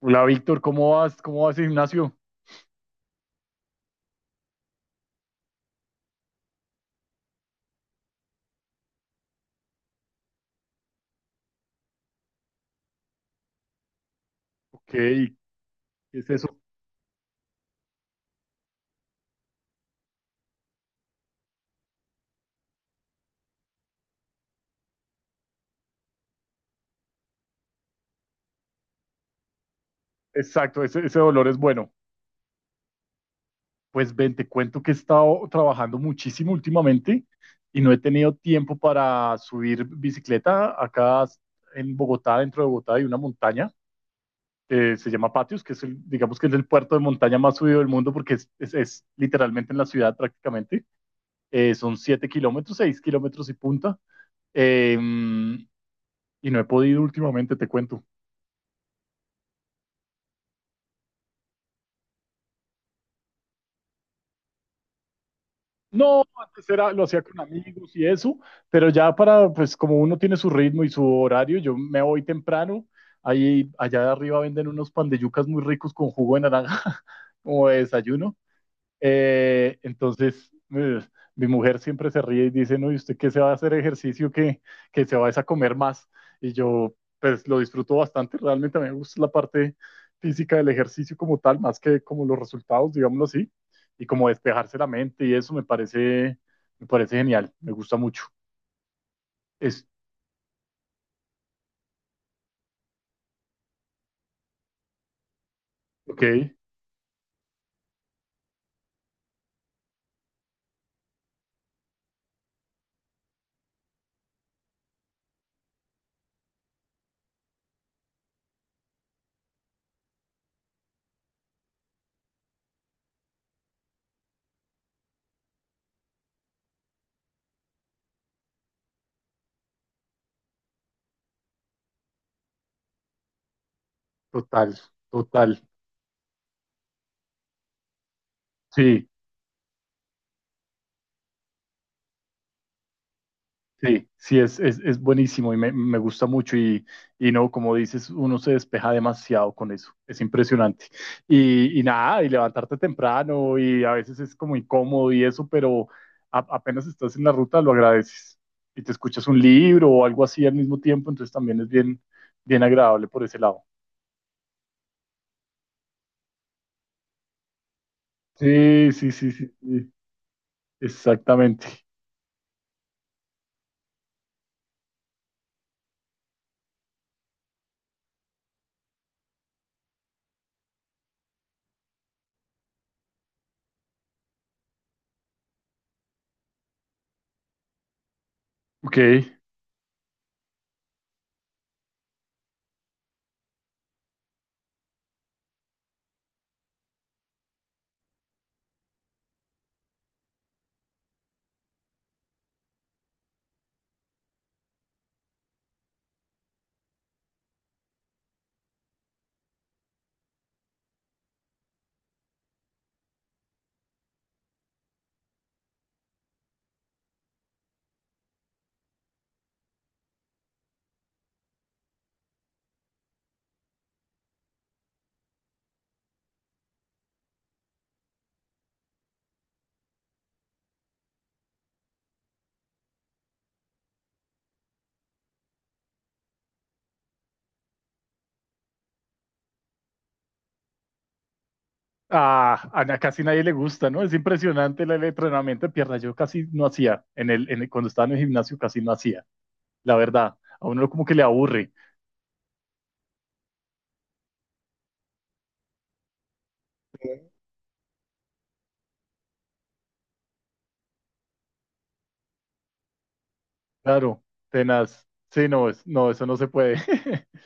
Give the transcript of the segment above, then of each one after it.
Hola Víctor, ¿cómo vas? ¿Cómo vas, Ignacio? Ok, ¿qué es eso? Exacto, ese dolor es bueno. Pues ven, te cuento que he estado trabajando muchísimo últimamente y no he tenido tiempo para subir bicicleta. Acá en Bogotá, dentro de Bogotá, hay una montaña que se llama Patios, que es el, digamos que es el puerto de montaña más subido del mundo porque es literalmente en la ciudad prácticamente. Son 7 kilómetros, 6 kilómetros y punta. Em, y no he podido últimamente, te cuento. No, antes era, lo hacía con amigos y eso, pero ya para, pues como uno tiene su ritmo y su horario, yo me voy temprano, ahí allá de arriba venden unos pan de yucas muy ricos con jugo de naranja como de desayuno, entonces, mi mujer siempre se ríe y dice, no, ¿y usted qué se va a hacer ejercicio que se va es a comer más? Y yo, pues lo disfruto bastante, realmente a mí me gusta la parte física del ejercicio como tal, más que como los resultados, digámoslo así, y como despejarse la mente y eso me parece genial, me gusta mucho. Es, ok, total, total, sí. Sí, sí, es buenísimo y me gusta mucho y no, como dices, uno se despeja demasiado con eso, es impresionante. Y nada, y levantarte temprano y a veces es como incómodo y eso, pero apenas estás en la ruta lo agradeces y te escuchas un libro o algo así al mismo tiempo, entonces también es bien, bien agradable por ese lado. Sí, sí, sí, sí, sí, exactamente. Ok. Ah, casi nadie le gusta, ¿no? Es impresionante el entrenamiento de pierna. Yo casi no hacía, cuando estaba en el gimnasio casi no hacía, la verdad. A uno como que le aburre, claro, tenaz. Sí, no, no, eso no se puede.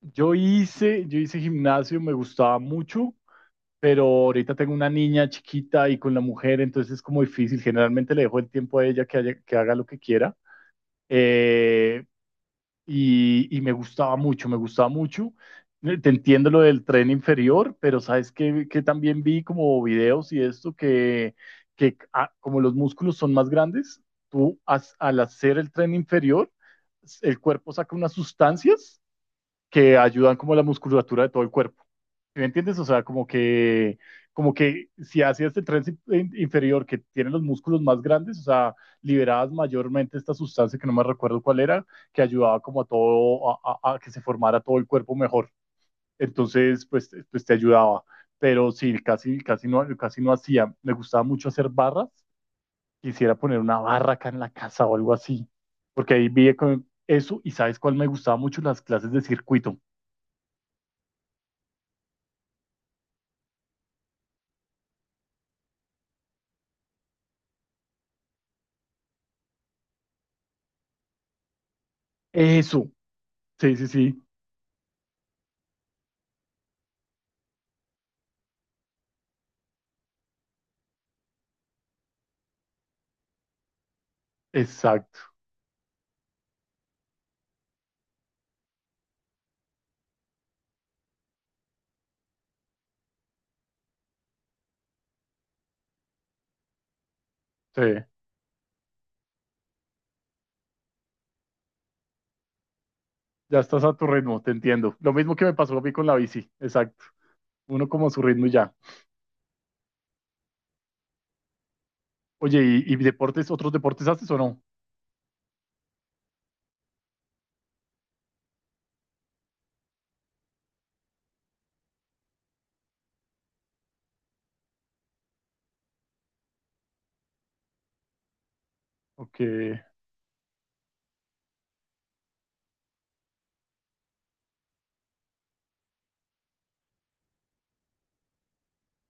Yo hice gimnasio, me gustaba mucho, pero ahorita tengo una niña chiquita y con la mujer, entonces es como difícil. Generalmente le dejo el tiempo a ella que, que haga lo que quiera. Eh, y, y me gustaba mucho, me gustaba mucho. Te entiendo lo del tren inferior, pero sabes que también vi como videos y esto que ah, como los músculos son más grandes, al hacer el tren inferior, el cuerpo saca unas sustancias que ayudan como a la musculatura de todo el cuerpo. ¿Sí? ¿Me entiendes? O sea, como que si haces el tren inferior que tiene los músculos más grandes, o sea, liberabas mayormente esta sustancia que no me recuerdo cuál era, que ayudaba como a todo, a que se formara todo el cuerpo mejor. Entonces, pues, pues te ayudaba. Pero sí, casi no hacía. Me gustaba mucho hacer barras. Quisiera poner una barra acá en la casa o algo así. Porque ahí vi con eso y ¿sabes cuál me gustaba mucho? Las clases de circuito. Eso, sí, sí, sí, exacto. Sí, ya estás a tu ritmo, te entiendo. Lo mismo que me pasó a mí con la bici, exacto. Uno como a su ritmo y ya. Oye, ¿y deportes, otros deportes haces o no? Ok,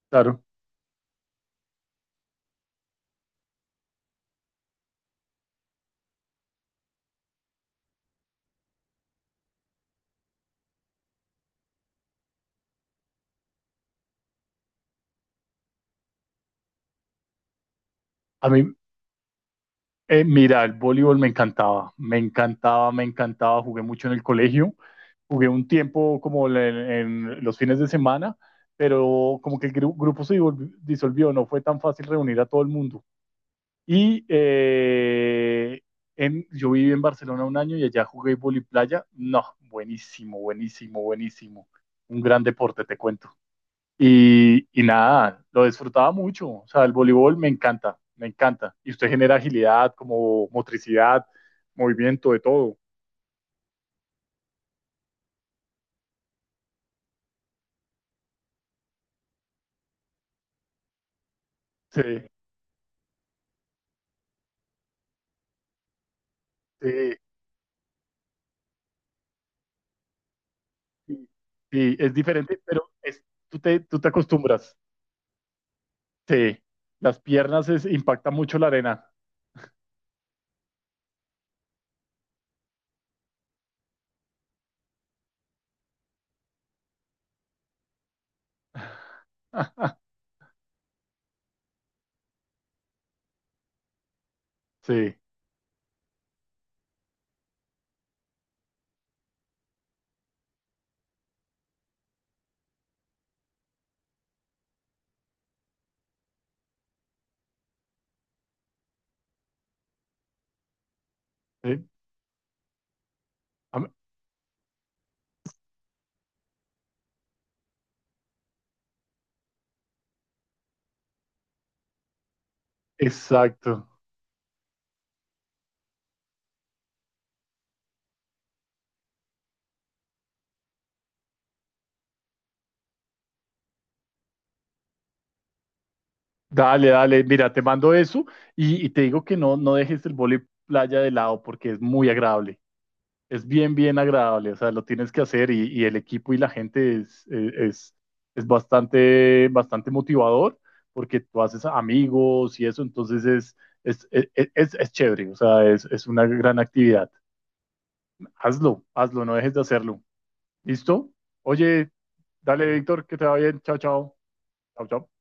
claro. A mí, mira, el voleibol me encantaba, me encantaba, me encantaba. Jugué mucho en el colegio, jugué un tiempo como en los fines de semana, pero como que el grupo se disolvió, no fue tan fácil reunir a todo el mundo. Y eh, yo viví en Barcelona un año y allá jugué playa. No, buenísimo, buenísimo, buenísimo. Un gran deporte, te cuento. Y nada, lo disfrutaba mucho. O sea, el voleibol me encanta, me encanta. Y usted genera agilidad, como motricidad, movimiento, de todo. Sí, sí, sí, sí, es diferente, pero es, tú te acostumbras. Sí, las piernas es, impacta mucho la arena. Sí, sí. A, Exacto. Dale, dale. Mira, te mando eso y te digo que no, no dejes el vóley playa de lado porque es muy agradable. Es bien, bien agradable. O sea, lo tienes que hacer y el equipo y la gente es bastante, bastante motivador porque tú haces amigos y eso. Entonces es chévere. O sea, es una gran actividad. Hazlo, hazlo, no dejes de hacerlo. ¿Listo? Oye, dale, Víctor, que te va bien. Chao, chao. Chao, chao.